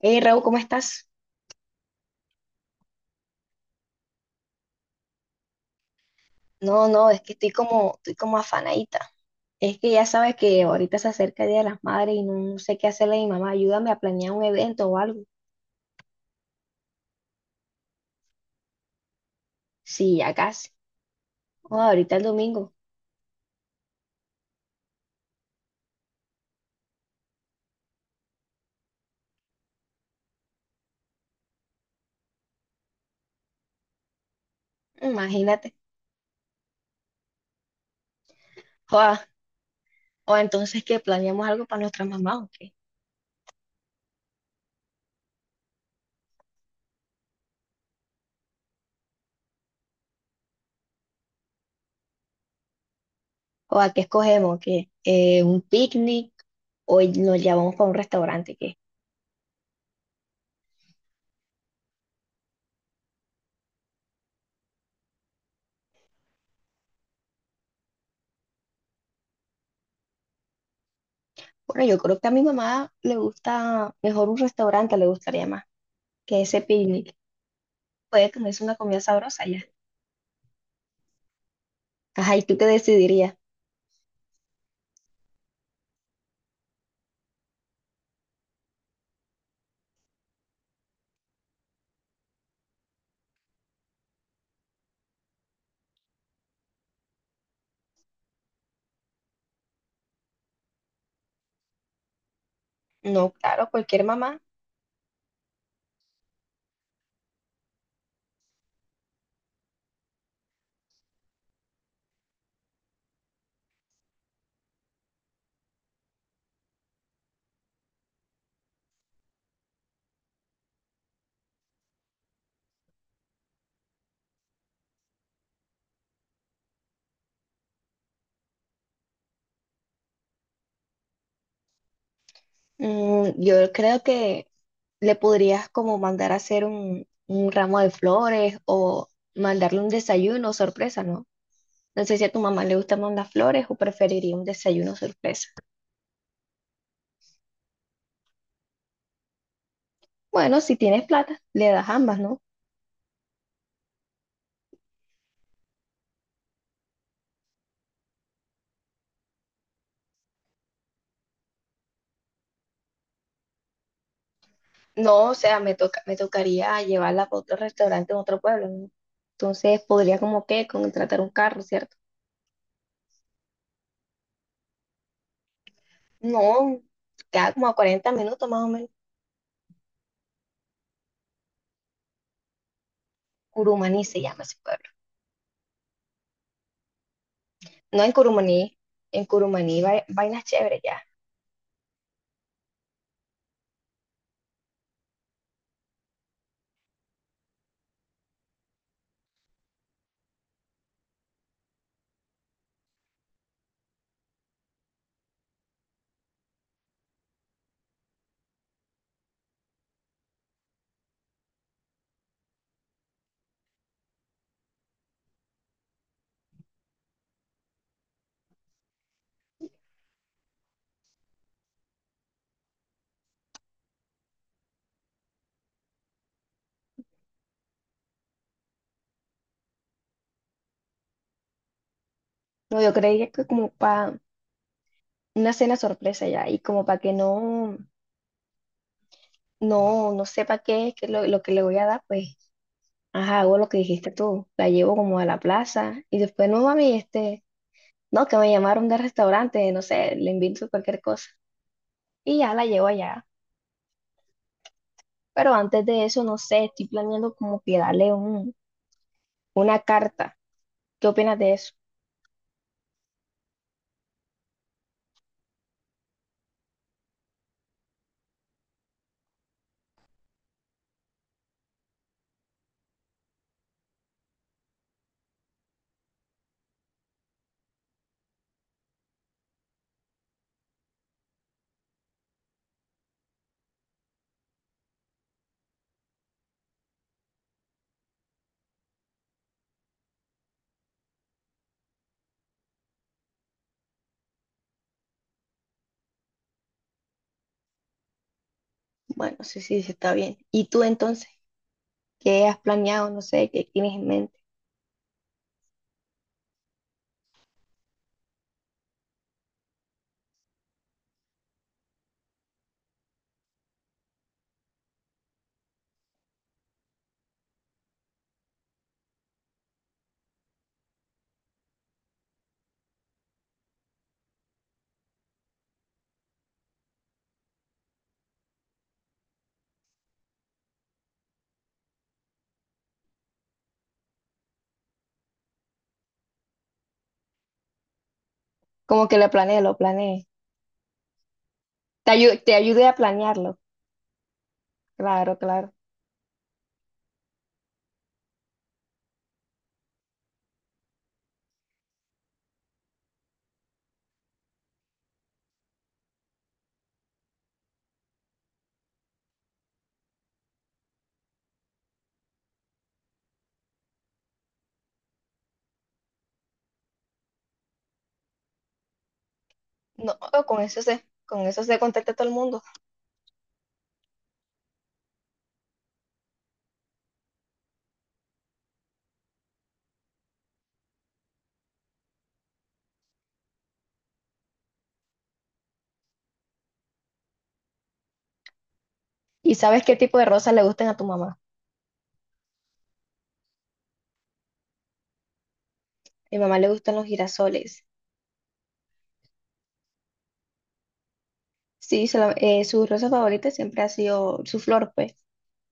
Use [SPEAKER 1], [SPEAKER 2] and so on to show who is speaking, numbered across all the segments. [SPEAKER 1] Hey Raúl, ¿cómo estás? No, no, es que estoy como afanadita. Es que ya sabes que ahorita se acerca el Día de las Madres y no sé qué hacerle a mi mamá. Ayúdame a planear un evento o algo. Sí, ya casi. O ahorita el domingo. Imagínate. O, o entonces que planeamos algo para nuestras mamás o qué. O a qué escogemos, que un picnic o nos llevamos para un restaurante, ¿qué? Bueno, yo creo que a mi mamá le gusta mejor un restaurante, le gustaría más que ese picnic. Puede comerse una comida sabrosa ya. Ajá, ¿y tú qué decidirías? No, claro, cualquier mamá. Yo creo que le podrías como mandar a hacer un ramo de flores o mandarle un desayuno sorpresa, ¿no? No sé si a tu mamá le gusta mandar flores o preferiría un desayuno sorpresa. Bueno, si tienes plata, le das ambas, ¿no? No, o sea, me tocaría llevarla a otro restaurante en otro pueblo, ¿no? Entonces podría como que contratar un carro, ¿cierto? No, queda como a 40 minutos más o menos. Curumaní se llama ese pueblo. No en Curumaní, en Curumaní vainas chéveres ya. No, yo creía que como para una cena sorpresa ya y como para que no sepa qué es que lo que le voy a dar, pues, ajá, hago lo que dijiste tú. La llevo como a la plaza y después, no mami, este, no, que me llamaron del restaurante, no sé, le invento cualquier cosa y ya la llevo allá. Pero antes de eso, no sé, estoy planeando como que darle una carta. ¿Qué opinas de eso? Bueno, sí, sí, sí, está bien. ¿Y tú entonces? ¿Qué has planeado? No sé, ¿qué tienes en mente? Como que lo planeé, lo planeé. Te ayudé a planearlo. Claro, claro. No, con eso sé contacta a todo el mundo. ¿Y sabes qué tipo de rosas le gustan a tu mamá? A mi mamá le gustan los girasoles. Sí, su rosa favorita siempre ha sido su flor, pues.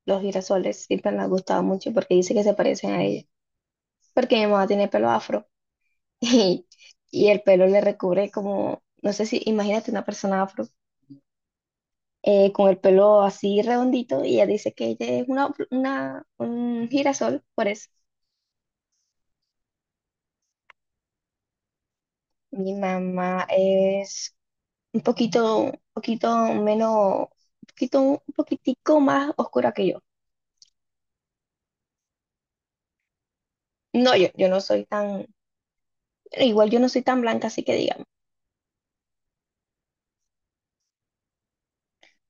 [SPEAKER 1] Los girasoles siempre le han gustado mucho porque dice que se parecen a ella. Porque mi mamá tiene pelo afro y, y el pelo le recubre como, no sé si, imagínate una persona afro con el pelo así redondito y ella dice que ella es un girasol, por eso. Mi mamá es un poquito menos, un poquitico más oscura que yo. No, yo no soy tan, igual yo no soy tan blanca, así que digamos,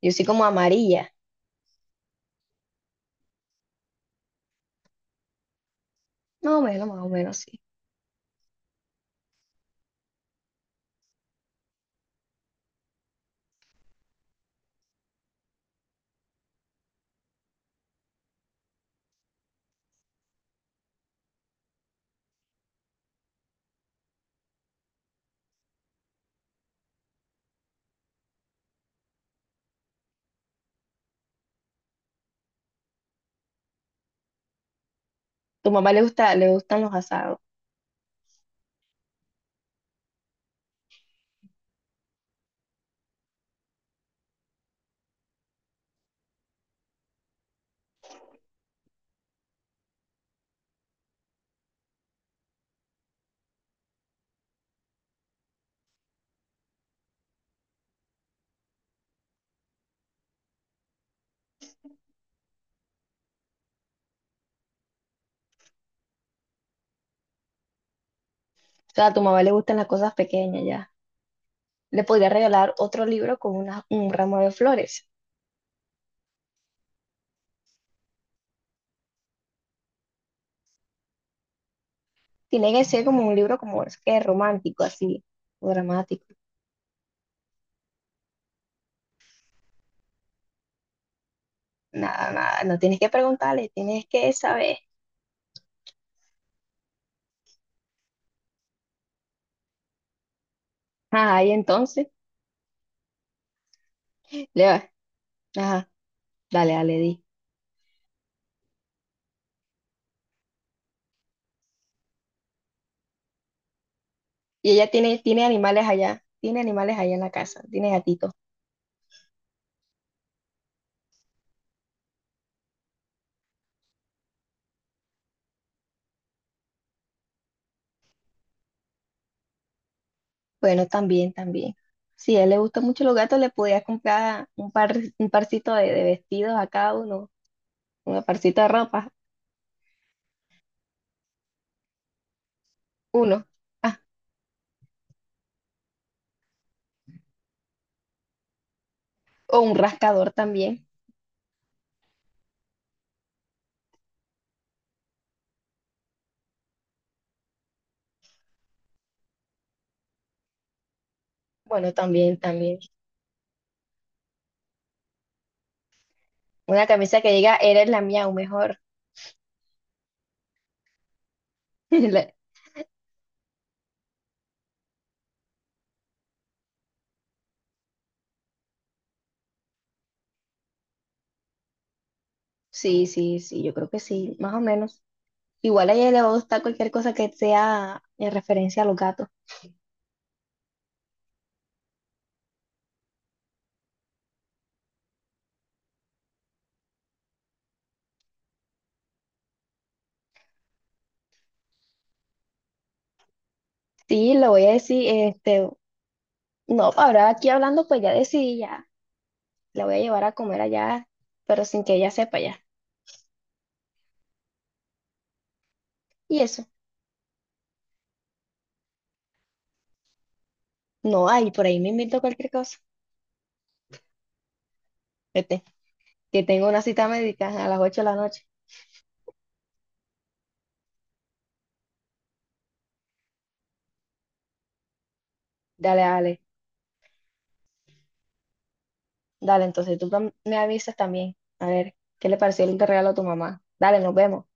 [SPEAKER 1] yo soy como amarilla, más o menos, sí. Tu mamá le gusta, le gustan los asados, o sea, a tu mamá le gustan las cosas pequeñas ya. Le podría regalar otro libro con un ramo de flores. Tiene que ser como un libro como es que romántico, así, o dramático. Nada, nada, no tienes que preguntarle, tienes que saber. Ajá, y entonces, le va, ajá, dale, dale, di. Y ella tiene, tiene animales allá en la casa, tiene gatitos. Bueno, también, también. Si a él le gustan mucho los gatos, le podías comprar un par, un parcito de vestidos a cada uno, un parcito de ropa, uno. Ah, o un rascador también. Bueno, también, también. Una camisa que diga, eres la mía, o mejor. Sí, sí, sí, yo creo que sí, más o menos. Igual a ella le va a gustar cualquier cosa que sea en referencia a los gatos. Sí, le voy a decir, este, no, ahora aquí hablando, pues ya decidí, ya, la voy a llevar a comer allá, pero sin que ella sepa ya. Y eso, no hay, por ahí me invito cualquier cosa. Este, que tengo una cita médica a las 8 de la noche. Dale, dale, dale, entonces me avisas también. A ver, ¿qué le pareció el regalo a tu mamá? Dale, nos vemos.